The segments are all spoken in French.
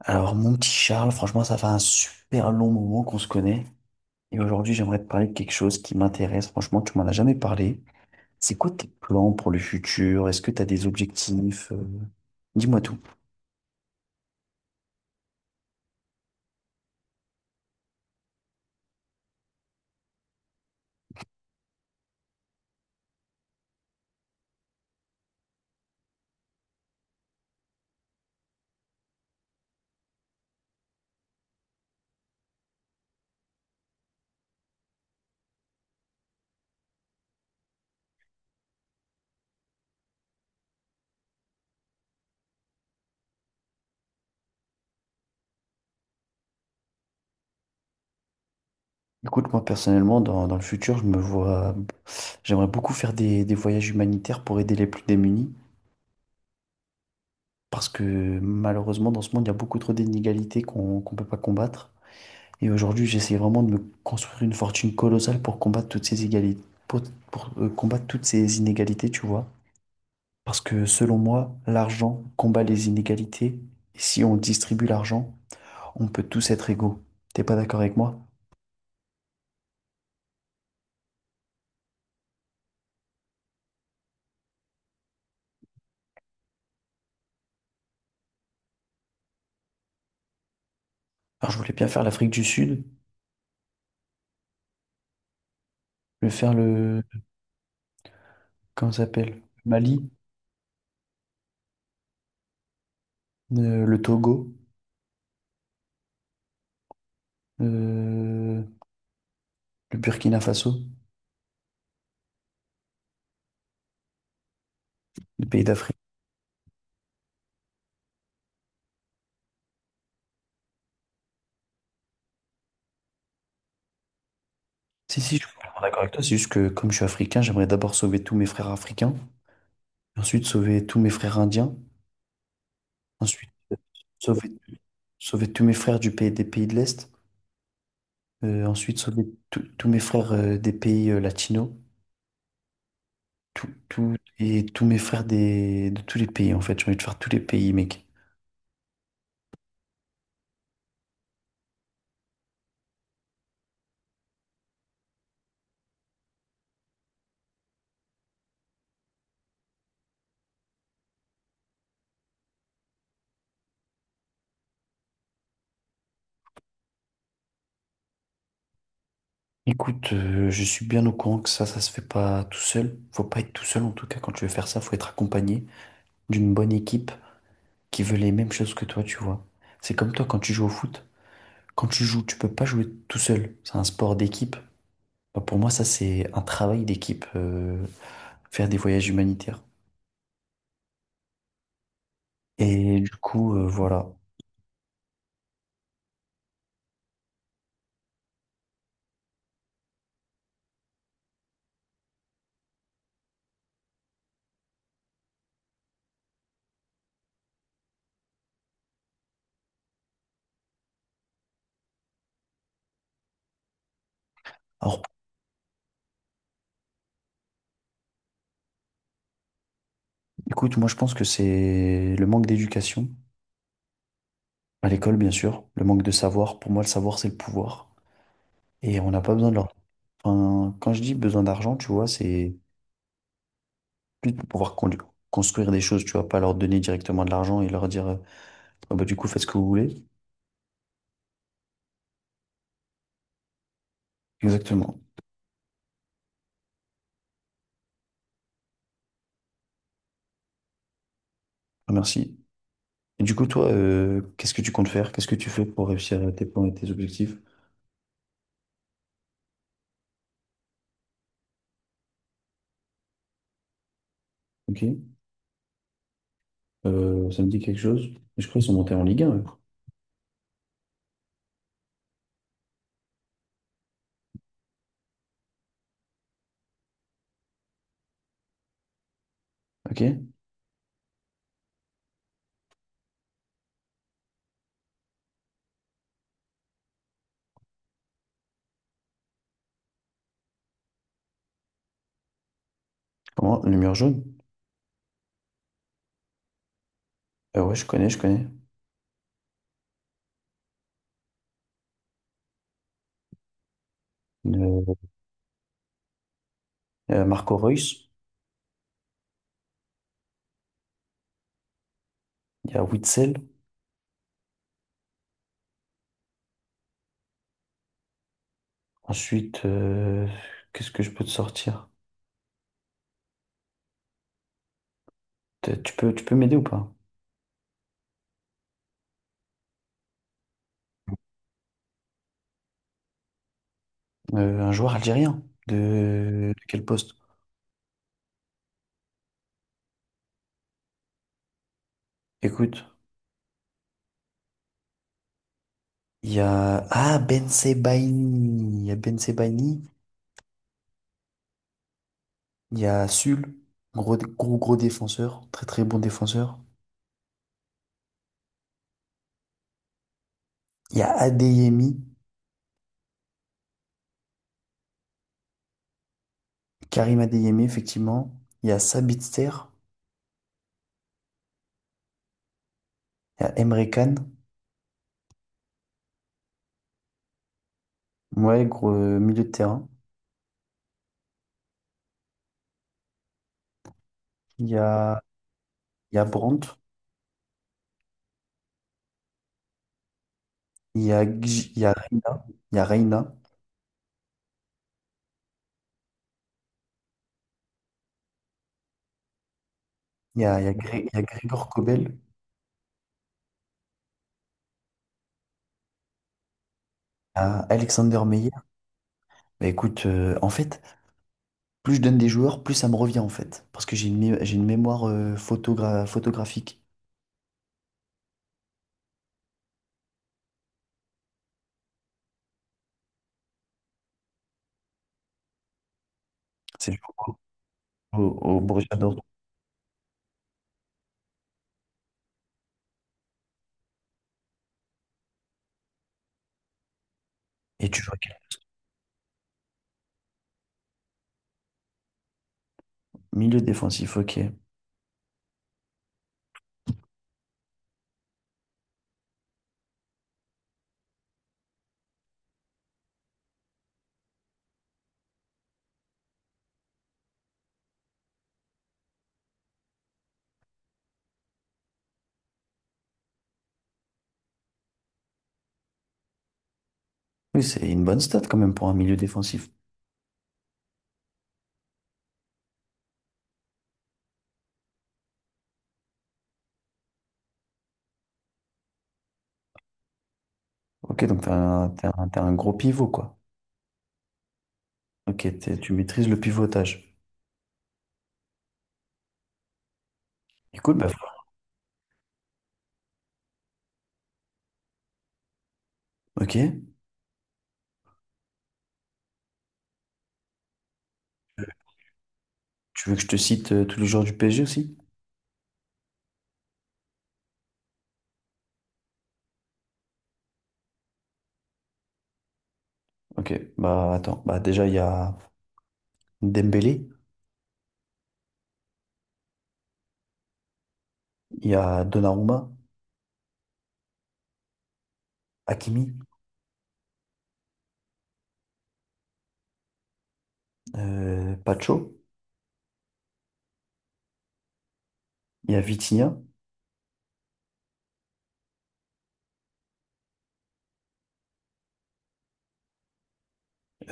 Alors, mon petit Charles, franchement, ça fait un super long moment qu'on se connaît. Et aujourd'hui, j'aimerais te parler de quelque chose qui m'intéresse. Franchement, tu m'en as jamais parlé. C'est quoi tes plans pour le futur? Est-ce que tu as des objectifs? Dis-moi tout. Écoute, moi, personnellement, dans le futur, je me vois, j'aimerais beaucoup faire des voyages humanitaires pour aider les plus démunis. Parce que malheureusement, dans ce monde, il y a beaucoup trop d'inégalités qu'on peut pas combattre. Et aujourd'hui, j'essaie vraiment de me construire une fortune colossale pour combattre toutes ces égalités, pour, combattre toutes ces inégalités, tu vois. Parce que selon moi, l'argent combat les inégalités. Et si on distribue l'argent, on peut tous être égaux. T'es pas d'accord avec moi? Alors, je voulais bien faire l'Afrique du Sud, je voulais faire le, comment ça s'appelle? Le Mali, le Togo, euh, le Burkina Faso, les pays d'Afrique. Si, si, je suis complètement d'accord avec toi. C'est juste que comme je suis africain, j'aimerais d'abord sauver tous mes frères africains. Ensuite, sauver tous mes frères indiens. Ensuite, sauver, sauver tous mes frères du pays, des pays de l'Est. Ensuite, sauver tous mes frères des pays latinos. Et tous mes frères de tous les pays, en fait. J'ai envie de faire tous les pays, mec. Écoute, je suis bien au courant que ça se fait pas tout seul. Faut pas être tout seul, en tout cas, quand tu veux faire ça, faut être accompagné d'une bonne équipe qui veut les mêmes choses que toi, tu vois. C'est comme toi quand tu joues au foot. Quand tu joues, tu peux pas jouer tout seul. C'est un sport d'équipe. Bah, pour moi, ça, c'est un travail d'équipe, faire des voyages humanitaires. Et du coup, voilà. Alors, écoute, moi, je pense que c'est le manque d'éducation, à l'école, bien sûr, le manque de savoir. Pour moi, le savoir, c'est le pouvoir. Et on n'a pas besoin de leur… Enfin, quand je dis besoin d'argent, tu vois, c'est plus pour pouvoir construire des choses, tu vois, pas leur donner directement de l'argent et leur dire, ah bah, du coup, faites ce que vous voulez. Exactement. Ah, merci. Et du coup, toi, qu'est-ce que tu comptes faire? Qu'est-ce que tu fais pour réussir tes plans et tes objectifs? Ok. Ça me dit quelque chose. Je crois qu'ils sont montés en Ligue 1, eux. Ok. Comment? Lumière jaune? Ouais, je connais. Euh, Marco Reus. Il y a Witzel. Ensuite, qu'est-ce que je peux te sortir? Tu peux m'aider ou pas? Un joueur algérien. De quel poste? Écoute, il y a… Ah, Ben Sebaini. Il y a Ben Sebaini. Il y a Sul. Gros, gros, gros défenseur. Très, très bon défenseur. Il y a Adeyemi. Karim Adeyemi, effectivement. Il y a Sabitzer. Il y a Emre Can, ouais, gros milieu de terrain. Il y a, il y a Brandt, il y a Reina, il y a Grégor Kobel, il y a Alexander Meyer. Bah, écoute, en fait, plus je donne des joueurs, plus ça me revient en fait. Parce que j'ai une mémoire photographique. C'est au Borussia Dortmund. Et tu joues à quel milieu défensif, ok. Oui, c'est une bonne stat quand même pour un milieu défensif. Ok, donc t'as un gros pivot, quoi. Ok, tu maîtrises le pivotage. Écoute, bah, ok. Tu veux que je te cite tous les joueurs du PSG aussi? Ok. Bah attends. Bah déjà il y a Dembélé, il y a Donnarumma, Hakimi, Pacho, il y a Vitinha,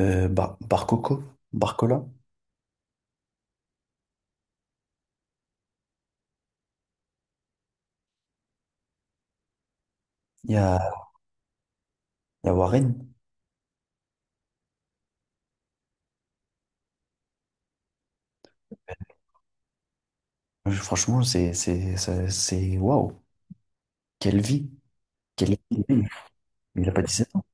euh, Bar- Barcoco, Barcola, il y a, il y a Warren. Franchement waouh. Quelle vie. Quelle vie. Mais il a pas 17 ans.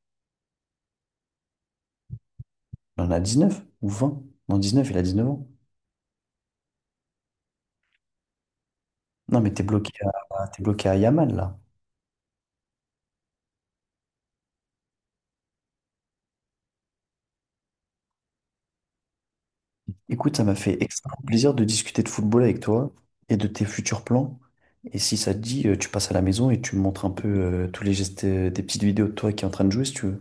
Il en a 19 ou 20. Non, neuf il a 19 ans. Non mais t'es bloqué à Yamal là. Écoute, ça m'a fait extrêmement plaisir de discuter de football avec toi et de tes futurs plans. Et si ça te dit, tu passes à la maison et tu me montres un peu tous les gestes, des petites vidéos de toi qui est en train de jouer si tu veux.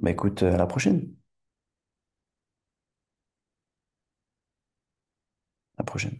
Bah écoute, à la prochaine. À la prochaine.